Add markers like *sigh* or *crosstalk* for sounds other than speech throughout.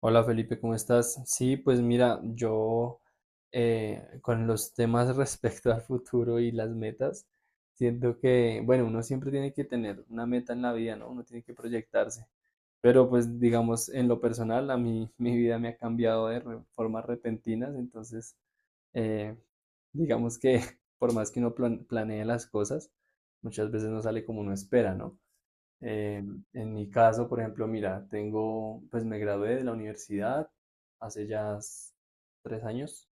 Hola Felipe, ¿cómo estás? Sí, pues mira, yo con los temas *laughs* respecto al futuro y las metas, siento que, bueno, uno siempre tiene que tener una meta en la vida, ¿no? Uno tiene que proyectarse. Pero pues digamos, en lo personal, a mí *laughs* mi vida me ha cambiado de formas repentinas, entonces, eh, digamos que *laughs* por más que uno planee las cosas, muchas veces no sale como uno espera, ¿no? Eh, en mi caso, por ejemplo, mira, tengo, pues me gradué de la universidad hace ya 3 años,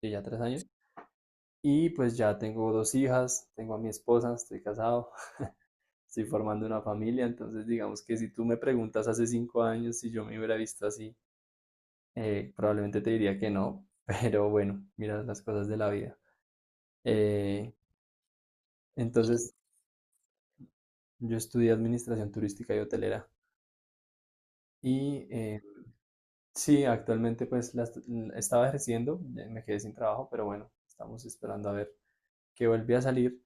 sí, ya 3 años, y pues ya tengo dos hijas, tengo a mi esposa, estoy casado, *laughs* estoy formando una familia, entonces digamos que si tú me preguntas hace 5 años si yo me hubiera visto así, probablemente te diría que no, *laughs* pero bueno, mira las cosas de la vida. Eh, entonces, yo estudié administración turística y hotelera y eh, sí, actualmente pues la estaba ejerciendo, ya me quedé sin trabajo, pero bueno, estamos esperando a ver que vuelve a salir.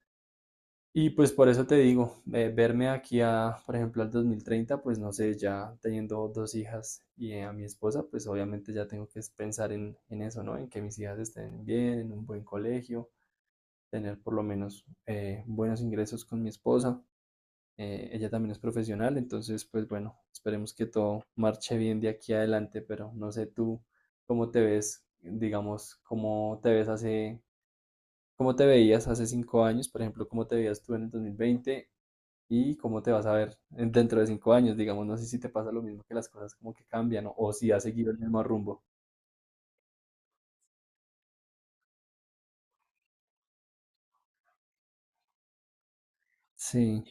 Y pues por eso te digo, verme aquí a, por ejemplo, al 2030, pues no sé, ya teniendo dos hijas y a mi esposa, pues obviamente ya tengo que es pensar en eso, ¿no? En que mis hijas estén bien, en un buen colegio, tener por lo menos buenos ingresos con mi esposa. Ella también es profesional, entonces, pues bueno, esperemos que todo marche bien de aquí adelante, pero no sé tú cómo te ves, digamos, cómo te ves hace, cómo te veías hace 5 años, por ejemplo, cómo te veías tú en el 2020 y cómo te vas a ver dentro de 5 años, digamos, no sé si te pasa lo mismo que las cosas como que cambian o si has seguido el mismo rumbo. Sí,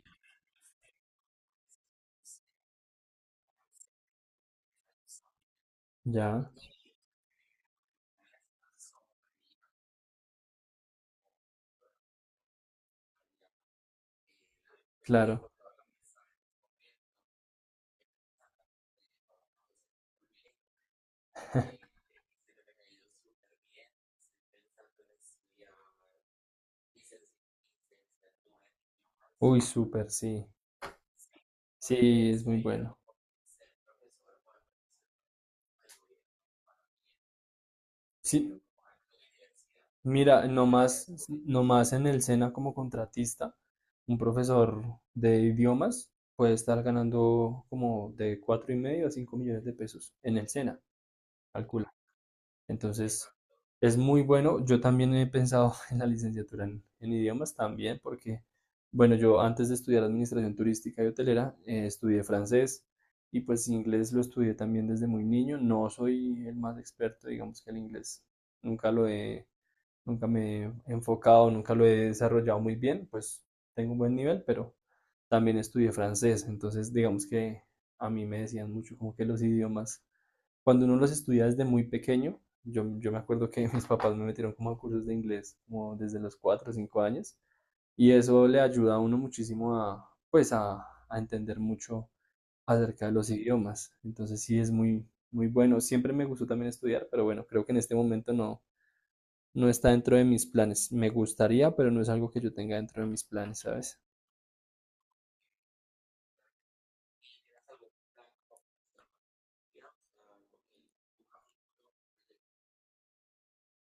ya, claro. *laughs* Uy, súper, sí. Sí, es muy bueno. Sí, mira, nomás en el SENA como contratista, un profesor de idiomas puede estar ganando como de 4,5 a 5 millones de pesos en el SENA. Entonces, es muy bueno. Yo también he pensado *laughs* en la licenciatura en idiomas también, porque, bueno, yo antes de estudiar administración turística y hotelera, estudié francés y pues inglés lo estudié también desde muy niño. No soy el más experto, digamos que el inglés nunca lo he, nunca me he enfocado, nunca lo he desarrollado muy bien, pues tengo un buen nivel, pero también estudié francés, entonces digamos que a mí me decían mucho como que los idiomas cuando uno los estudia desde muy pequeño, yo me acuerdo que *laughs* mis papás me metieron como a cursos de inglés como desde los 4 o 5 años y eso le ayuda a uno muchísimo a, pues a entender mucho acerca de los idiomas. Entonces sí es muy, muy bueno. Siempre me gustó también estudiar, pero bueno, creo que en este momento no está dentro de mis planes. Me gustaría, pero no es algo que yo tenga dentro de mis planes, ¿sabes?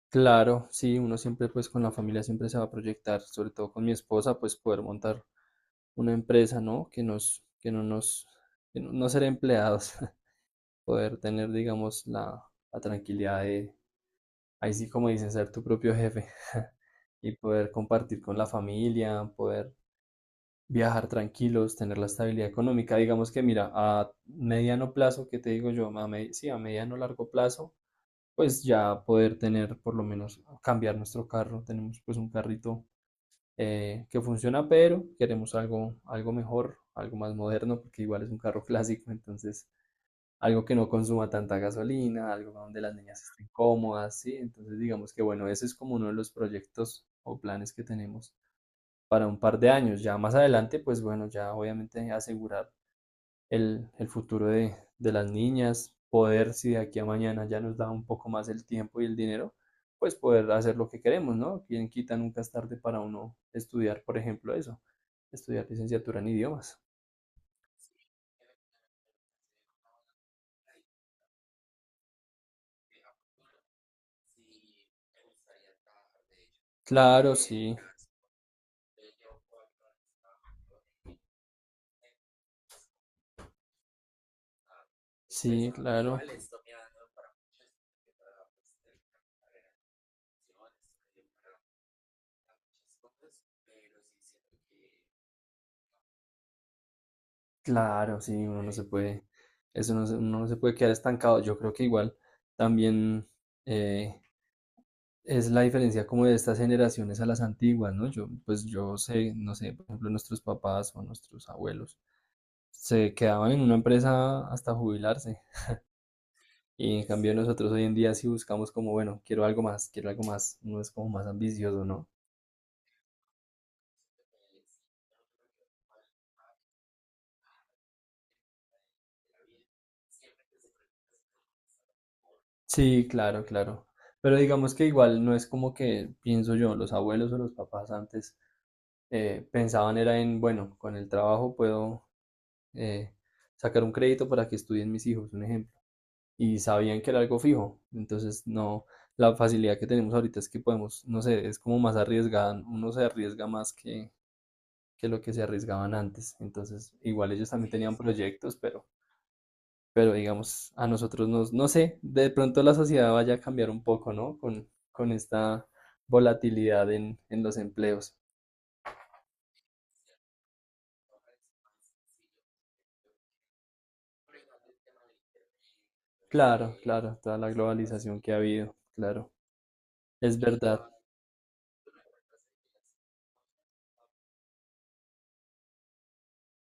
Claro, sí, uno siempre pues con la familia siempre se va a proyectar, sobre todo con mi esposa, pues poder montar una empresa, ¿no? Que nos, que no, no ser empleados, *laughs* poder tener, digamos, la tranquilidad de, ahí sí como dicen, ser tu propio jefe *laughs* y poder compartir con la familia, poder viajar tranquilos, tener la estabilidad económica. Digamos que, mira, a mediano plazo, ¿que te digo yo? Sí, a mediano largo plazo, pues ya poder tener por lo menos cambiar nuestro carro. Tenemos pues un carrito que funciona, pero queremos algo, algo mejor, algo más moderno, porque igual es un carro *laughs* clásico, entonces algo que no consuma tanta gasolina, algo donde las niñas estén cómodas, ¿sí? Entonces digamos que bueno, ese es como uno de los proyectos o planes que tenemos para un par de años. Ya más adelante, pues bueno, ya obviamente asegurar el futuro de las niñas, poder, si de aquí a mañana ya nos da un poco más el tiempo y el dinero, pues poder hacer lo que queremos, ¿no? Quien quita nunca es tarde para uno estudiar, por ejemplo, eso, estudiar licenciatura en idiomas. Claro, sí, sí, claro, claro, sí, uno no se puede, eso no se, uno no se puede quedar estancado. Yo creo que igual también eh, es la diferencia como de estas generaciones a las antiguas, ¿no? Yo, pues yo sé, no sé, por ejemplo, nuestros papás o nuestros abuelos se quedaban en una empresa hasta jubilarse. Y en cambio nosotros hoy en día sí buscamos como, bueno, quiero algo más, no es como más ambicioso, ¿no? Sí, claro, claro. Pero digamos que igual no es como que, pienso yo, los abuelos o los papás antes pensaban era en, bueno, con el trabajo puedo eh, sacar un crédito para que estudien mis hijos, un ejemplo. Y sabían que era algo fijo. Entonces, no, la facilidad que tenemos ahorita es que podemos, no sé, es como más arriesgada, uno se arriesga más que lo que se arriesgaban antes. Entonces, igual ellos también tenían proyectos, pero digamos, a nosotros nos, no sé, de pronto la sociedad vaya a cambiar un poco, ¿no? Con esta volatilidad en los empleos. Claro, claro, toda la globalización que ha habido, claro, es verdad.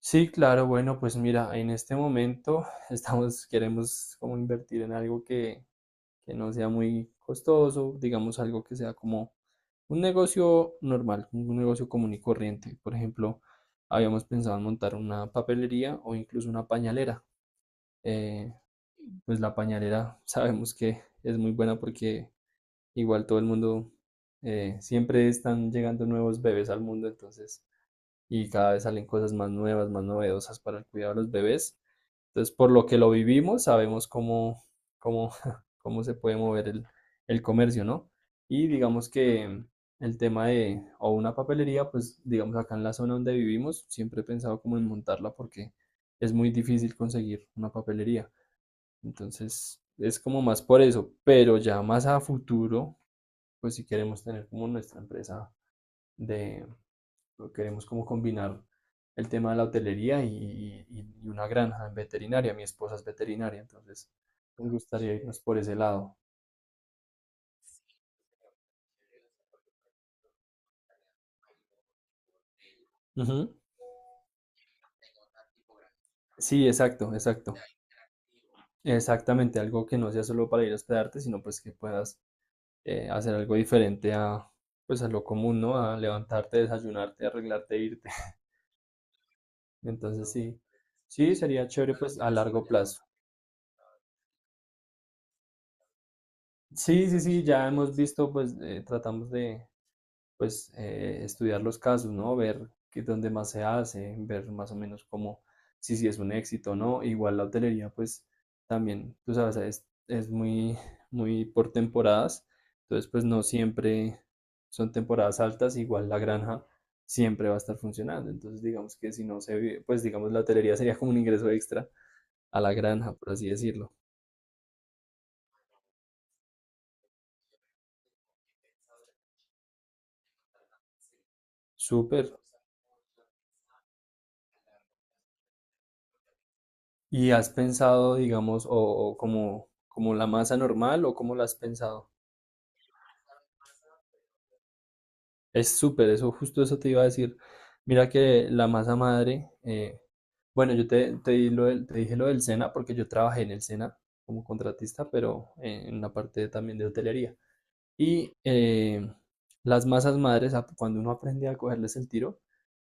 Sí, claro, bueno, pues mira, en este momento *laughs* estamos, queremos como invertir en algo que no sea muy costoso, digamos algo que sea como un negocio normal, un negocio común y corriente. Por ejemplo, habíamos pensado en montar una papelería o incluso una pañalera. Eh, pues la pañalera *laughs* sabemos que es muy buena porque igual todo el mundo, siempre están llegando nuevos bebés al mundo, entonces, y cada vez salen cosas más nuevas, más novedosas para el cuidado de los bebés. Entonces, por lo que lo vivimos, sabemos cómo, cómo, *laughs* cómo se puede mover el comercio, ¿no? Y digamos que el tema de, o una papelería, pues digamos acá en la zona donde vivimos, siempre he pensado como en montarla porque es muy difícil conseguir una papelería. Entonces, es como más por eso, pero ya más a futuro, pues si queremos tener como nuestra empresa de, queremos como combinar el tema de la hotelería y una granja en veterinaria. Mi esposa es veterinaria, entonces nos gustaría irnos por ese lado. Ujú. Sí, exacto, exacto. Exactamente, algo que no sea solo para ir a hospedarte, sino pues que puedas hacer algo diferente a, pues a lo común, ¿no? A levantarte, desayunarte, arreglarte, irte. *laughs* Entonces sí, sí, sería chévere pues a largo plazo. Sí, sí, sí, ya hemos visto, pues tratamos de, pues estudiar los casos, ¿no? Ver qué, dónde más se hace, ver más o menos cómo, si es un éxito o no. Igual la hotelería, pues también, tú sabes, es muy, *laughs* muy por temporadas, entonces pues no siempre son temporadas altas, igual la granja siempre va a estar funcionando, entonces digamos que si no se vive, pues digamos la hotelería sería como un ingreso extra a la granja, por así decirlo. Súper. ¿Y has pensado, digamos, o como la masa normal o cómo la has pensado? Es súper, eso, justo eso te iba a decir. Mira que la masa madre, bueno, yo te, di lo te dije lo del SENA porque yo trabajé en el SENA como contratista, pero en la parte también de hotelería. Y las masas madres, cuando uno aprende a cogerles el tiro,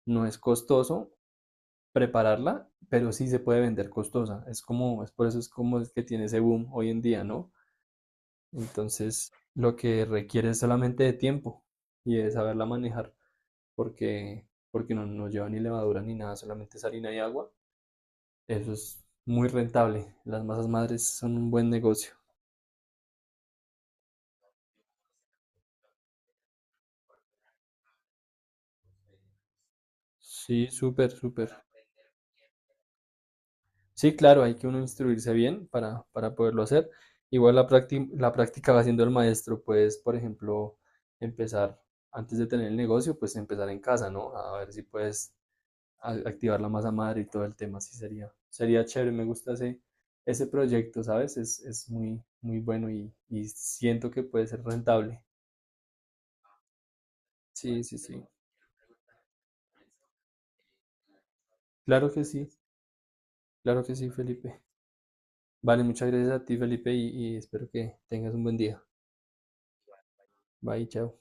no es costoso prepararla, pero sí se puede vender costosa. Es como, es por eso es como es que tiene ese boom hoy en día, ¿no? Entonces, lo que requiere es solamente de tiempo y de saberla manejar, porque, porque no lleva ni levadura ni nada, solamente es harina y agua. Eso es muy rentable. Las masas madres son un buen negocio. Sí, súper, súper. Sí, claro, hay que uno instruirse bien para poderlo hacer. Igual la práctica va siendo el maestro. Puedes, por ejemplo, empezar antes de tener el negocio, pues empezar en casa, ¿no? A ver si puedes activar la masa madre y todo el tema, sí sería chévere, me gusta ese proyecto, ¿sabes? Es muy, muy bueno y siento que puede ser rentable. Sí, sí, sí. Claro que sí, claro que sí, Felipe. Vale, muchas gracias a ti, Felipe, y espero que tengas un buen día. Bye, chao.